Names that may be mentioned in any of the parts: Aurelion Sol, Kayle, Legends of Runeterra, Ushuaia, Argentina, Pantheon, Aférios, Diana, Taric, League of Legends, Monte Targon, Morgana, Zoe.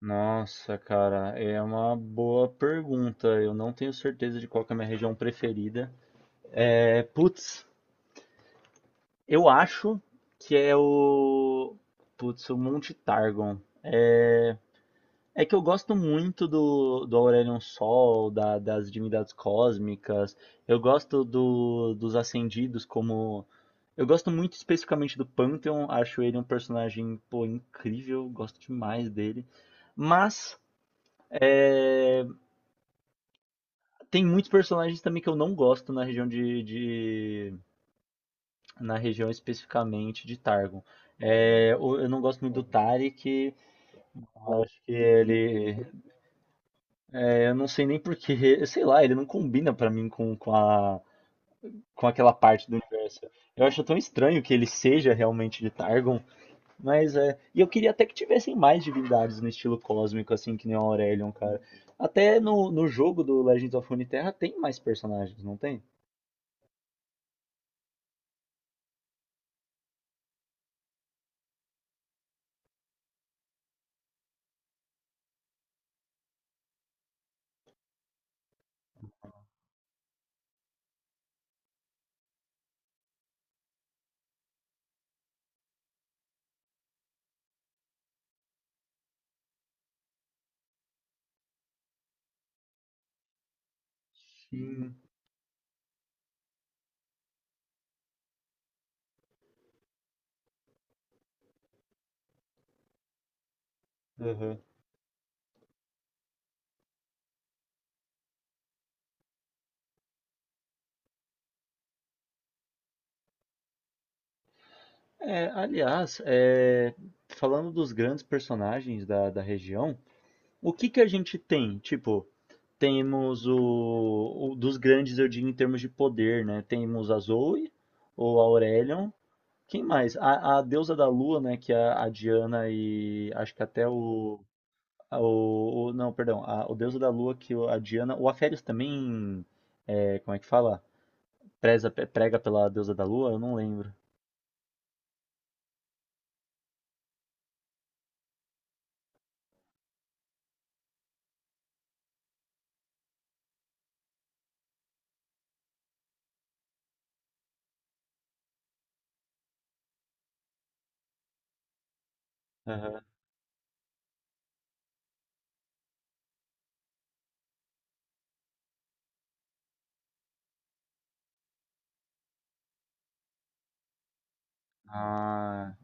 Nossa, cara, é uma boa pergunta. Eu não tenho certeza de qual que é a minha região preferida. É, putz, eu acho que é o. Putz, o Monte Targon. É, é que eu gosto muito do Aurelion Sol, das divindades cósmicas. Eu gosto dos Ascendidos como. Eu gosto muito especificamente do Pantheon. Acho ele um personagem, pô, incrível. Gosto demais dele. Mas. Tem muitos personagens também que eu não gosto na região na região especificamente de Targon. Eu não gosto muito do Taric. Eu acho que ele, eu não sei nem porquê, sei lá, ele não combina pra mim com aquela parte do universo. Eu acho tão estranho que ele seja realmente de Targon, mas e eu queria até que tivessem mais divindades no estilo cósmico assim que nem o Aurelion, cara. Até no jogo do Legends of Runeterra tem mais personagens, não tem? Sim. Aham. É, aliás, falando dos grandes personagens da região, o que que a gente tem? Tipo, temos dos grandes, eu digo, em termos de poder, né? Temos a Zoe, ou a Aurelion. Quem mais? A deusa da lua, né? Que a Diana, e acho que até o, a- o, o- não, perdão, o deusa da lua que a Diana, o Aférios também, como é que fala? Prega pela deusa da lua? Eu não lembro. Aham. Ah,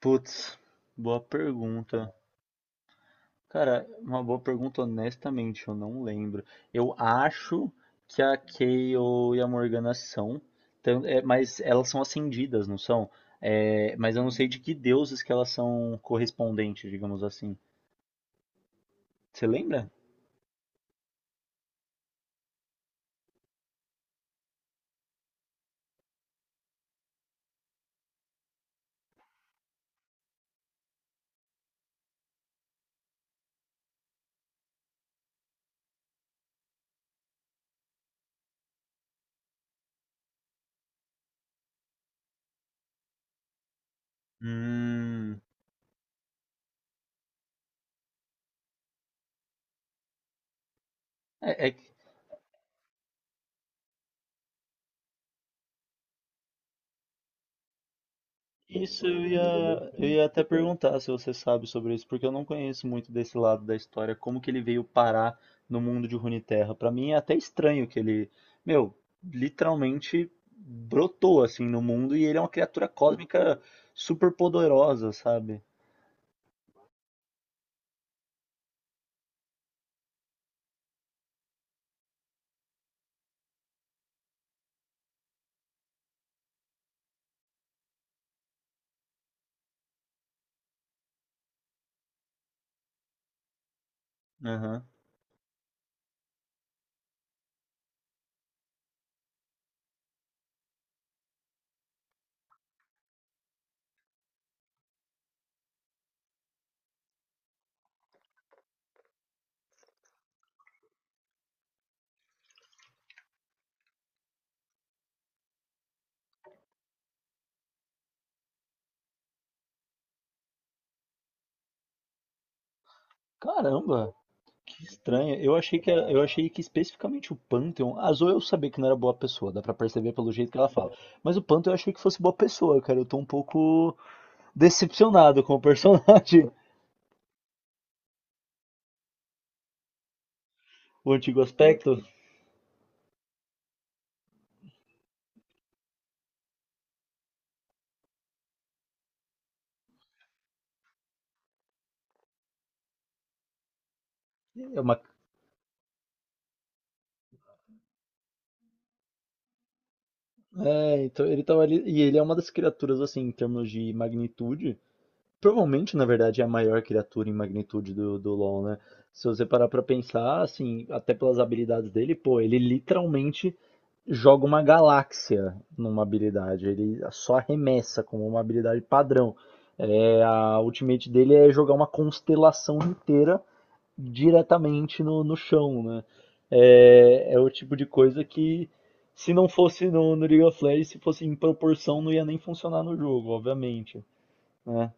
putz, boa pergunta. Cara, uma boa pergunta, honestamente, eu não lembro. Eu acho que a Kayle e a Morgana são, mas elas são ascendidas, não são? É, mas eu não sei de que deuses que elas são correspondentes, digamos assim. Você lembra? Hum, é, é Isso eu ia até perguntar se você sabe sobre isso, porque eu não conheço muito desse lado da história, como que ele veio parar no mundo de Runeterra. Pra mim é até estranho que ele, meu, literalmente brotou assim no mundo e ele é uma criatura cósmica super poderosa, sabe? Aham. Caramba, que estranho. Eu achei eu achei que especificamente o Pantheon, a Zoe eu sabia que não era boa pessoa, dá pra perceber pelo jeito que ela fala. Mas o Pantheon eu achei que fosse boa pessoa, cara. Eu tô um pouco decepcionado com o personagem. O antigo aspecto é uma. É, então ele tava ali. E ele é uma das criaturas, assim, em termos de magnitude. Provavelmente, na verdade, é a maior criatura em magnitude do LoL, né? Se você parar pra pensar, assim, até pelas habilidades dele, pô, ele literalmente joga uma galáxia numa habilidade. Ele só arremessa como uma habilidade padrão. É, a ultimate dele é jogar uma constelação inteira diretamente no chão, né? É o tipo de coisa que, se não fosse no League of Legends, se fosse em proporção, não ia nem funcionar no jogo, obviamente, né?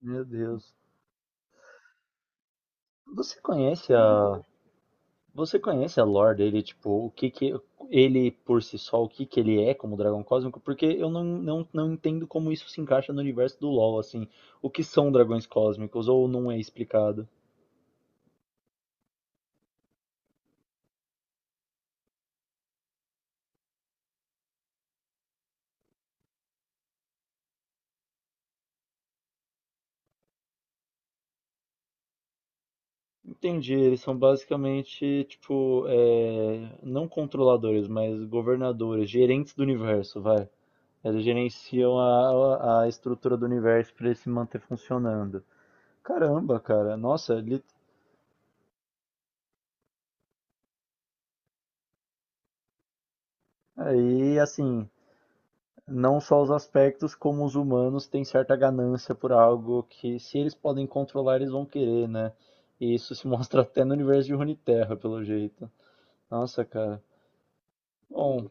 Meu Deus. Você conhece a, você conhece a lore dele, tipo, o que que ele por si só, o que que ele é como dragão cósmico? Porque eu não, não, não entendo como isso se encaixa no universo do LoL, assim. O que são dragões cósmicos ou não é explicado? Entendi, eles são basicamente, tipo, não controladores, mas governadores, gerentes do universo, vai. Eles gerenciam a estrutura do universo para ele se manter funcionando. Caramba, cara, nossa, ele... aí, assim, não só os aspectos, como os humanos têm certa ganância por algo que, se eles podem controlar, eles vão querer, né? E isso se mostra até no universo de Runeterra, pelo jeito. Nossa, cara. Bom,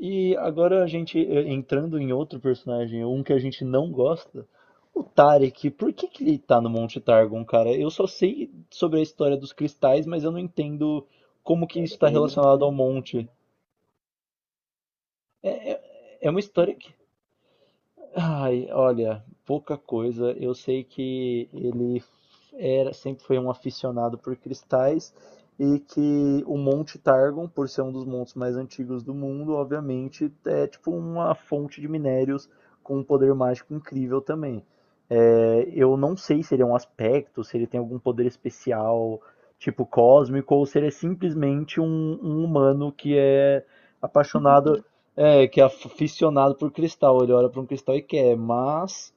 e agora a gente entrando em outro personagem, um que a gente não gosta, o Tarek. Por que que ele tá no Monte Targon, cara? Eu só sei sobre a história dos cristais, mas eu não entendo como que isso está relacionado ao monte. É uma história que. Ai, olha, pouca coisa. Eu sei que ele sempre foi um aficionado por cristais e que o Monte Targon, por ser um dos montes mais antigos do mundo, obviamente é tipo uma fonte de minérios com um poder mágico incrível também. É, eu não sei se ele é um aspecto, se ele tem algum poder especial, tipo cósmico, ou se ele é simplesmente um humano que é apaixonado. É, que é aficionado por cristal. Ele olha para um cristal e quer, mas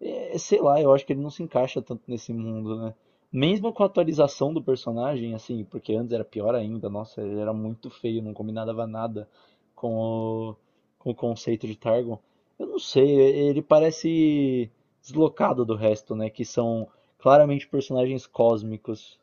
sei lá, eu acho que ele não se encaixa tanto nesse mundo, né? Mesmo com a atualização do personagem, assim, porque antes era pior ainda, nossa, ele era muito feio, não combinava nada com o, com o, conceito de Targon. Eu não sei, ele parece deslocado do resto, né? Que são claramente personagens cósmicos.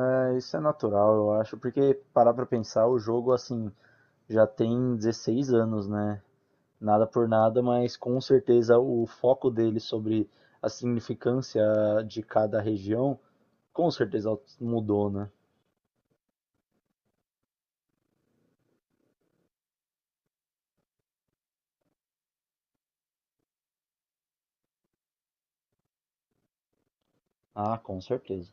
É, isso é natural, eu acho, porque parar pra pensar, o jogo, assim, já tem 16 anos, né? Nada por nada, mas com certeza o foco dele sobre a significância de cada região, com certeza mudou, né? Ah, com certeza.